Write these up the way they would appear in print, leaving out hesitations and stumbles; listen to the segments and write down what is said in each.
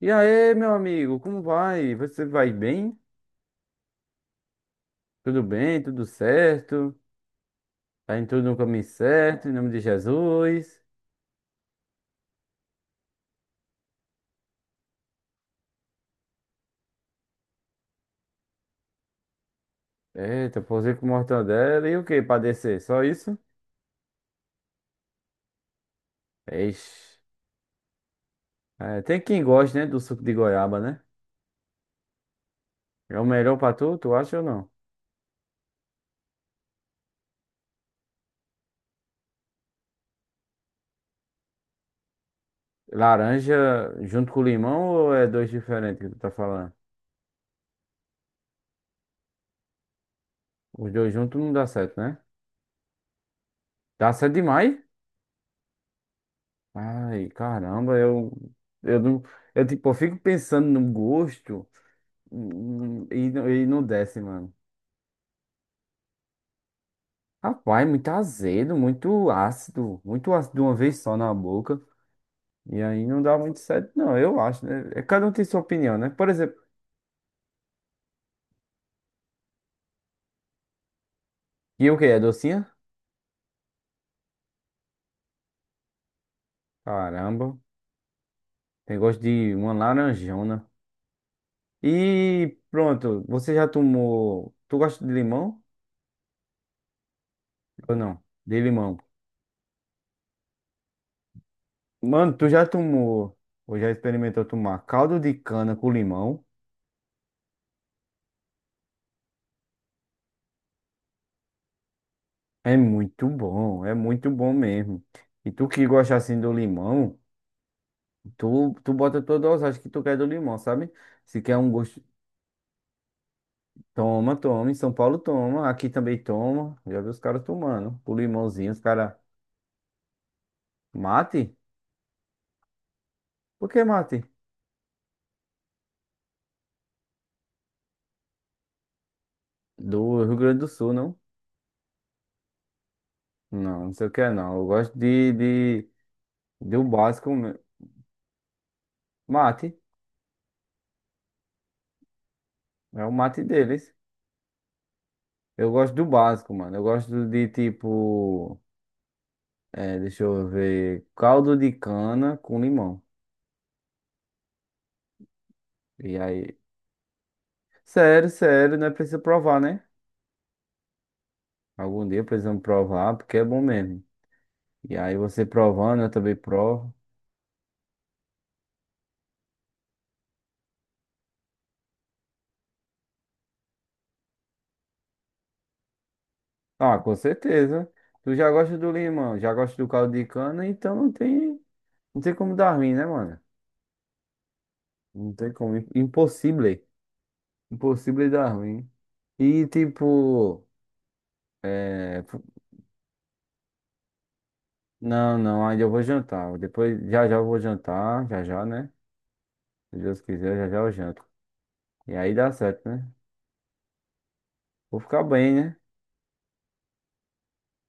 E aí, meu amigo, como vai? Você vai bem? Tudo bem? Tudo certo? Tá em tudo no caminho certo, em nome de Jesus. Eita, pousei com mortadela e o que pra descer? Só isso? Ixi. É, tem quem goste, né, do suco de goiaba, né? É o melhor pra tu, tu acha ou não? Laranja junto com limão ou é dois diferentes que tu tá falando? Os dois juntos não dá certo, né? Dá certo demais? Ai, caramba, eu não, eu tipo, eu fico pensando no gosto. E não desce, mano. Rapaz, muito azedo, muito ácido de uma vez só na boca. E aí não dá muito certo, não, eu acho, né? É, cada um tem sua opinião, né? Por exemplo, e o que é docinha? Caramba, tem gosto de uma laranjona. E pronto, você já tomou. Tu gosta de limão? Ou não? De limão. Mano, tu já tomou, ou já experimentou tomar caldo de cana com limão? É muito bom mesmo. E tu que gosta assim do limão, tu bota toda a dosagem que tu quer do limão, sabe? Se quer um gosto, toma, toma. Em São Paulo toma, aqui também toma. Já vi os caras tomando. O limãozinho, os caras. Mate? Por que mate? Do Rio Grande do Sul, não? Não, não sei o que é não. Eu gosto de, do básico. Mate, é o mate deles. Eu gosto do básico, mano. Eu gosto de tipo. É, deixa eu ver. Caldo de cana com limão. E aí? Sério, sério, não é preciso provar, né? Algum dia precisamos provar, porque é bom mesmo. E aí você provando, eu também provo. Ah, com certeza. Tu já gosta do limão, já gosta do caldo de cana, então não tem como dar ruim, né, mano? Não tem como. Impossível. Impossível dar ruim. E tipo, é... fu- não, não, ainda eu vou jantar. Depois, já já eu vou jantar, já já, né? Se Deus quiser, já já eu janto. E aí dá certo, né? Vou ficar bem, né?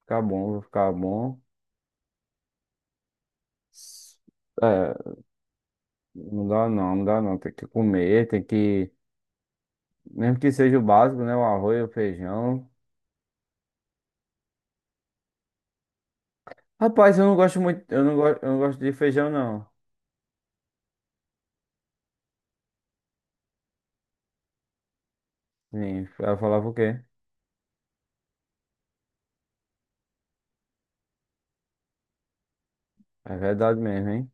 Ficar bom, vou ficar bom. É, não dá não, não dá não. Tem que comer, tem que. Mesmo que seja o básico, né? O arroz, o feijão. Rapaz, eu não gosto muito. Eu não gosto de feijão, não. Sim, ela falava o quê? É verdade mesmo, hein?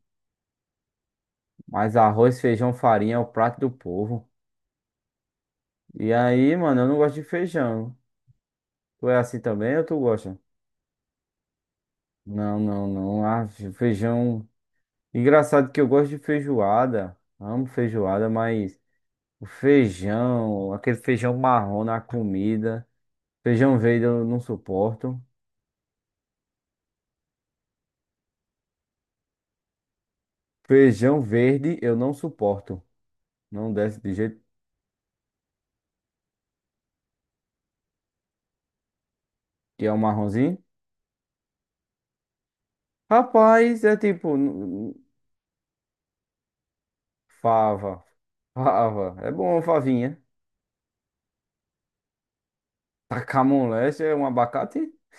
Mas arroz, feijão, farinha é o prato do povo. E aí, mano, eu não gosto de feijão. Tu é assim também ou tu gosta? Não, não, não. Ah, feijão. Engraçado que eu gosto de feijoada, amo feijoada, mas o feijão, aquele feijão marrom na comida, feijão verde eu não suporto, feijão verde eu não suporto, não desce de jeito que é um marronzinho. Rapaz, é tipo fava, fava, é bom favinha. Tacar moleste é um abacate?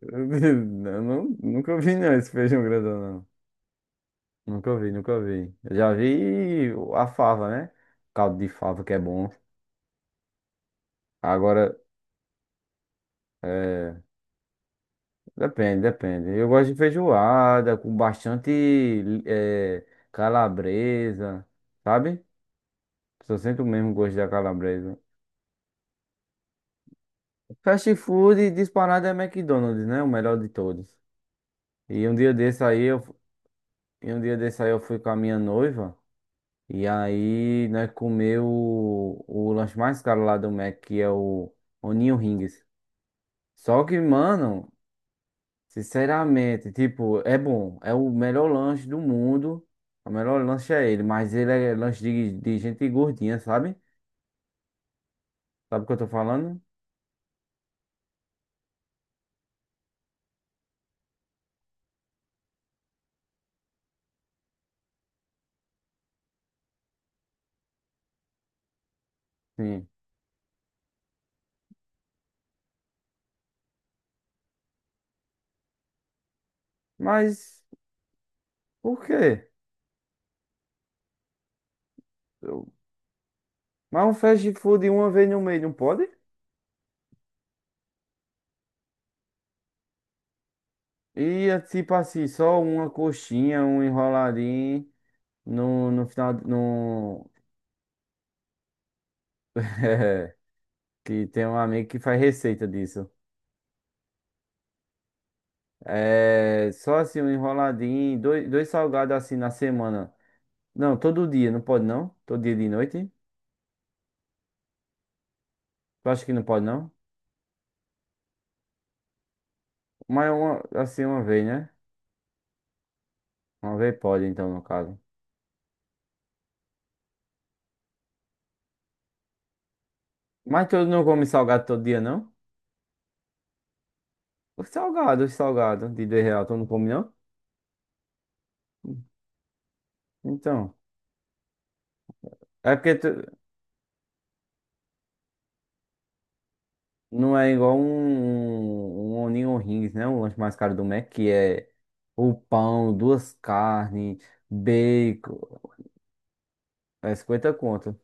Eu não, nunca vi não esse feijão grandão. Nunca vi, nunca vi. Eu já vi a fava, né? Caldo de fava que é bom. Agora, é, depende, depende. Eu gosto de feijoada com bastante é, calabresa, sabe? Só sinto o mesmo gosto da calabresa. Fast food disparado é McDonald's, né? O melhor de todos. E um dia desse aí eu, fu- e um dia desse aí eu fui com a minha noiva e aí nós comeu o lanche mais caro lá do Mac, que é o Onion Rings. Só que, mano, sinceramente, tipo, é bom. É o melhor lanche do mundo. O melhor lanche é ele, mas ele é lanche de gente gordinha, sabe? Sabe o que eu tô falando? Sim. Mas por quê? Eu- Mas um fast food uma vez no mês não pode? E é tipo assim, só uma coxinha, um enroladinho no final. No. É, que tem um amigo que faz receita disso. É só assim, um enroladinho, dois salgados assim na semana. Não, todo dia, não pode não? Todo dia de noite? Tu acha que não pode não? Mas é uma, assim, uma vez, né? Uma vez pode, então, no caso. Mas tu não come salgado todo dia, não? Os salgados de R$2, tu não come não? Então, é porque tu não é igual um Onion Rings, né? O lanche mais caro do Mac, que é o pão, duas carnes, bacon, é 50 conto.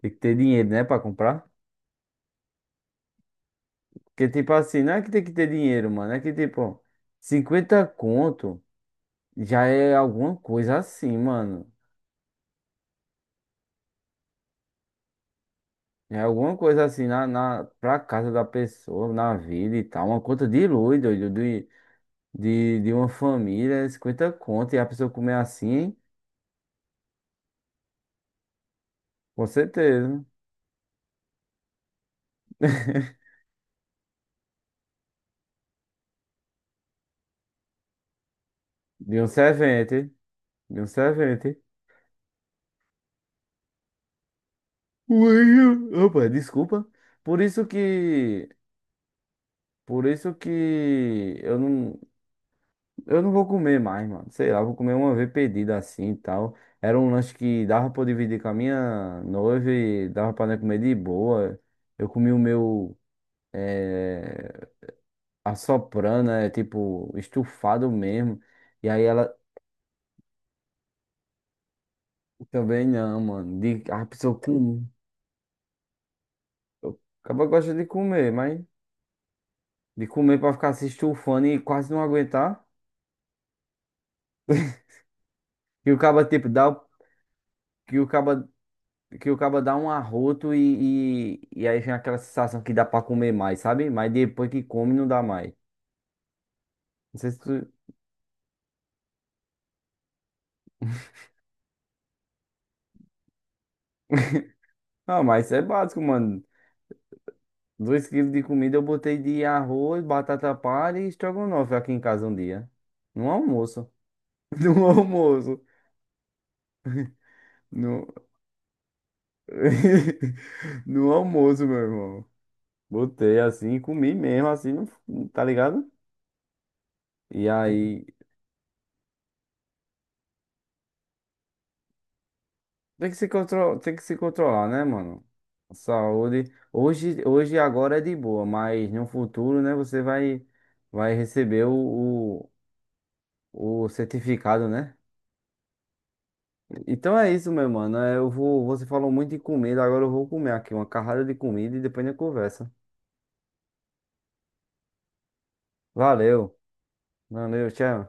Tem que ter dinheiro, né, pra comprar? Porque, tipo assim, não é que tem que ter dinheiro, mano, é que, tipo, 50 conto... Já é alguma coisa assim, mano. Já é alguma coisa assim na, na, pra casa da pessoa, na vida e tal. Uma conta de luz, doido, de uma família, 50 conto, e a pessoa comer assim, com certeza. De um servente, de um servente. Ui, opa, desculpa. Por isso que, por isso que eu não vou comer mais, mano. Sei lá, vou comer uma vez pedida assim e tal. Era um lanche que dava pra eu dividir com a minha noiva e dava pra nós comer de boa. Eu comi o meu eh, assoprando, é tipo estufado mesmo. E aí ela também não, mano. A pessoa come. Acaba gosta de comer, mas de comer pra ficar se estufando e quase não aguentar. Que o caba tipo dá, o- que o caba Que o cabo dá um arroto e aí vem aquela sensação que dá pra comer mais, sabe? Mas depois que come não dá mais. Não sei se tu... Ah, mas isso é básico, mano. 2 quilos de comida eu botei de arroz, batata palha e estrogonofe aqui em casa um dia. No almoço. No almoço. No. No almoço, meu irmão. Botei assim, comi mesmo, assim, tá ligado? E aí. Tem que se controlar, tem que se controlar, né, mano? A saúde. Hoje, hoje e agora é de boa, mas no futuro, né, você vai receber o certificado, né? Então é isso, meu mano. É, você falou muito de comida, agora eu vou comer aqui uma carrada de comida e depois a gente conversa. Valeu. Valeu, tchau.